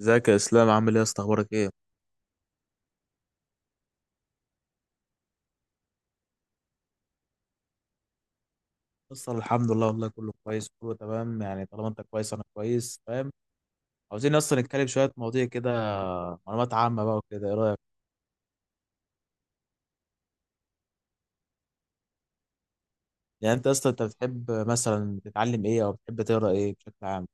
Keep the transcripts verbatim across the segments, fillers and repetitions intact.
ازيك يا اسلام؟ عامل ايه يا اسطى؟ اخبارك ايه؟ بص، الحمد لله والله، كله كويس، كله تمام. يعني طالما انت كويس انا كويس، فاهم؟ عاوزين اصلا نتكلم شويه مواضيع كده، معلومات عامه بقى وكده. ايه رايك؟ يعني انت اصلا انت بتحب مثلا تتعلم ايه، او بتحب تقرا ايه بشكل عام؟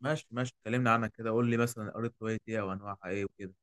ماشي ماشي، اتكلمنا عنها كده. قول لي مثلا قريت رواية ايه وانواعها ايه وكده.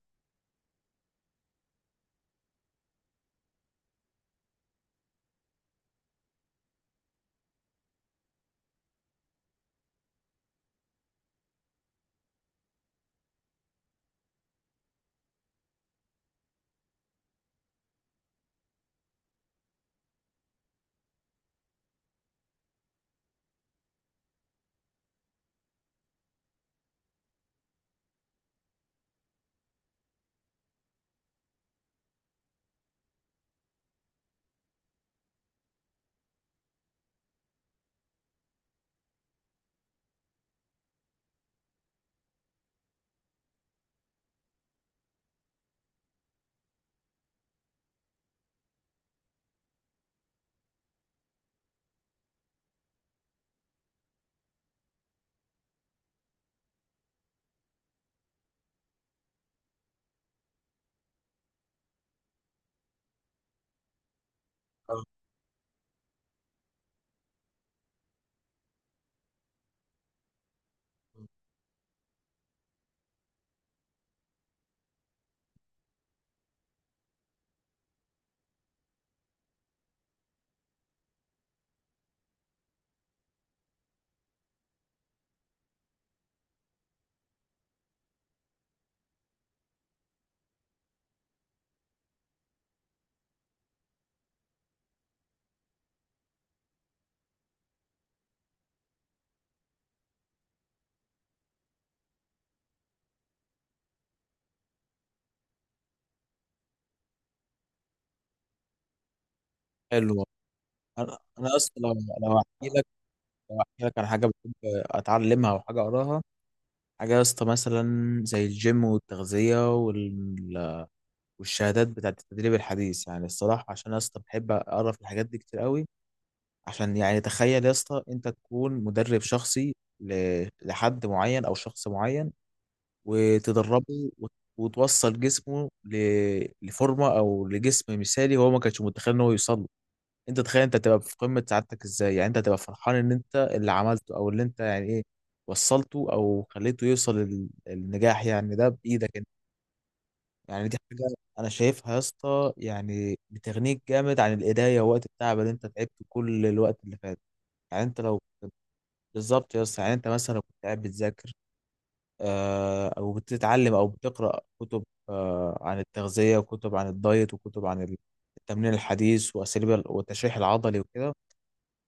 آه. حلو. انا انا اصلا لو لو احكي لك لو احكي لك عن حاجه بحب اتعلمها او حاجه اقراها، حاجه يا اسطى مثلا زي الجيم والتغذيه والشهادات بتاعت التدريب الحديث يعني. الصراحة عشان يا اسطى بحب أقرأ في الحاجات دي كتير قوي. عشان يعني تخيل يا اسطى، أنت تكون مدرب شخصي ل- لحد معين أو شخص معين، وتدربه وت- وتوصل جسمه ل- لفورمة أو لجسم مثالي هو ما كانش متخيل إن هو يوصل له. أنت تخيل أنت تبقى في قمة سعادتك إزاي؟ يعني أنت تبقى فرحان إن أنت اللي عملته أو اللي أنت يعني إيه، وصلته أو خليته يوصل لل- للنجاح. يعني ده بإيدك. يعني دي حاجة أنا شايفها يا اسطى يعني بتغنيك جامد عن الإيديا ووقت التعب اللي أنت تعبته كل الوقت اللي فات. يعني أنت لو كنت- بالظبط يا اسطى. يعني أنت مثلا لو كنت قاعد بتذاكر، آه، أو بتتعلم أو بتقرأ كتب آه، عن التغذية وكتب عن الدايت وكتب عن ال- التمرين الحديث وأساليب ال- والتشريح العضلي وكده،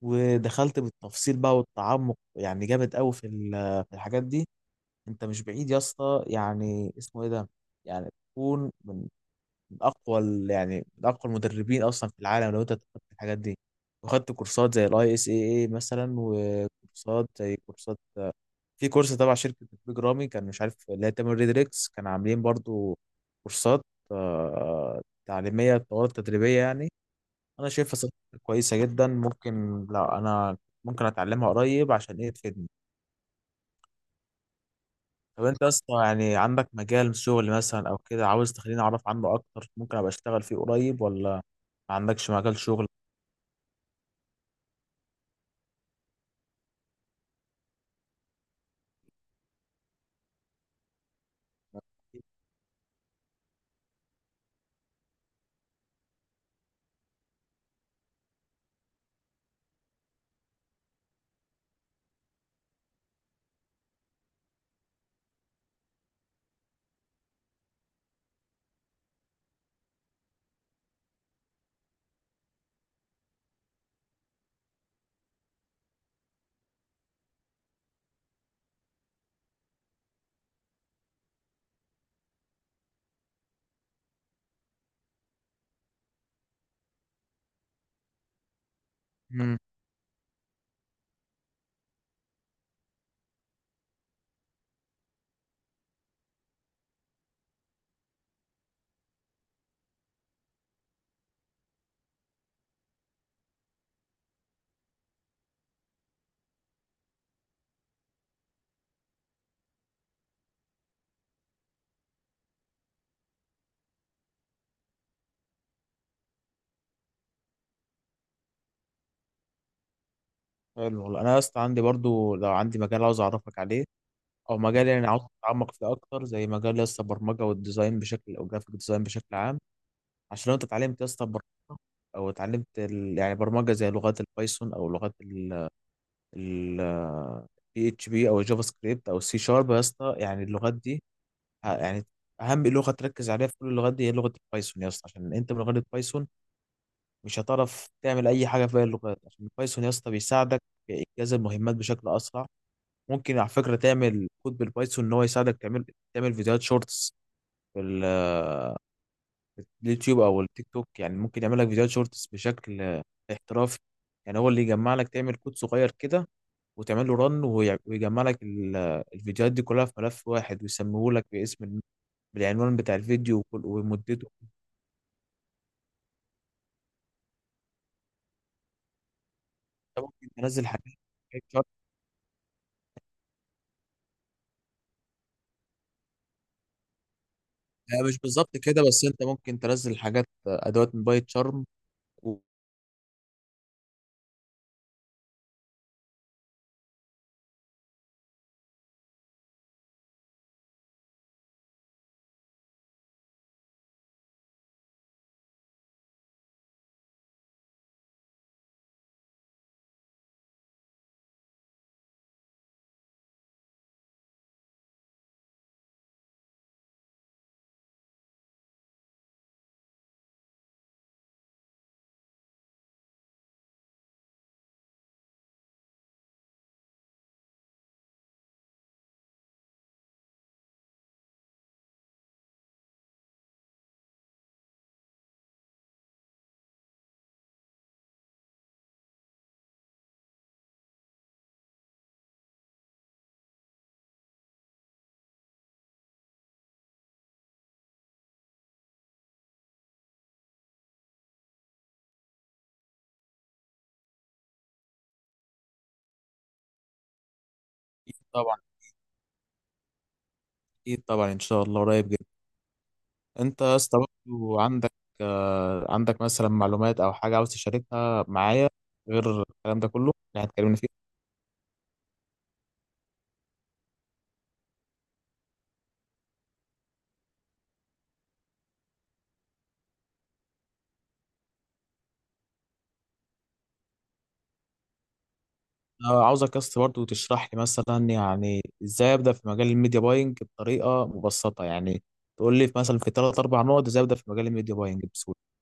ودخلت بالتفصيل بقى والتعمق يعني جامد أوي في ال- في الحاجات دي، أنت مش بعيد يا اسطى يعني اسمه إيه ده، يعني تكون من من اقوى ال- يعني من اقوى المدربين اصلا في العالم لو انت خدت الحاجات دي، وخدت كورسات زي الاي اس اي اي مثلا، وكورسات زي كورسات في كورس تبع شركه بيج رامي، كان مش عارف اللي هي تامر ريدريكس، كان عاملين برضو كورسات آه، تعليميه، دورات تدريبيه يعني. انا شايفها صراحة كويسه جدا. ممكن، لا، انا ممكن اتعلمها قريب عشان ايه تفيدني. طب انت اصلا يعني عندك مجال شغل مثلا او كده عاوز تخليني اعرف عنه اكتر ممكن ابقى اشتغل فيه قريب، ولا ما عندكش مجال شغل؟ امم حلو والله. انا اصلا عندي برضو لو عندي مجال عاوز اعرفك عليه، او مجال يعني عاوز اتعمق فيه اكتر، زي مجال لسه البرمجه والديزاين بشكل، او جرافيك ديزاين بشكل عام. عشان لو انت اتعلمت لسه برمجه، او اتعلمت ال... يعني برمجه زي لغات البايثون، او لغات ال ال بي اتش بي، او الجافا سكريبت، او السي شارب يا اسطى. يعني اللغات دي، ه- يعني اهم لغه تركز عليها في كل اللغات دي هي لغه البايثون يا اسطى. عشان انت من غير البايثون مش هتعرف تعمل اي حاجه في باقي اللغات، عشان البايثون يا اسطى بيساعدك في انجاز المهمات بشكل اسرع. ممكن على فكره تعمل كود بالبايثون ان هو يساعدك تعمل تعمل فيديوهات شورتس في ال- اليوتيوب او التيك توك. يعني ممكن يعمل لك فيديوهات شورتس بشكل آه، احترافي. يعني هو اللي يجمع لك تعمل كود صغير كده، وتعمل له رن، ويجمع لك ال- الفيديوهات دي كلها في ملف واحد، ويسميه لك باسم بالعنوان بتاع الفيديو وكل- ومدته. انت ممكن تنزل حاجات بايت شارم. لا، مش بالظبط كده، بس انت ممكن تنزل حاجات، آه، ادوات من بايت شارم و- طبعا. اكيد طبعا، ان شاء الله قريب جدا. انت يا اسطى برضه عندك آه، عندك مثلا معلومات او حاجه عاوز تشاركها معايا غير الكلام ده كله اللي هتكلمنا فيه؟ أنا عاوزك يا اسطى برضه تشرح لي مثلا يعني ازاي ابدا في مجال الميديا باينج بطريقه مبسطه، يعني تقول لي مثلا في ثلاث اربع نقط ازاي ابدا في مجال الميديا باينج بسهوله.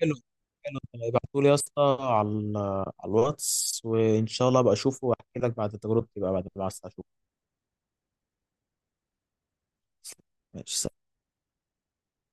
حلو. حلو. ابعتوا لي يا اسطى على ال- على الواتس، وان شاء الله ابقى اشوفه واحكي لك بعد تجربتي بقى بعد ما اشوفه. ماشي.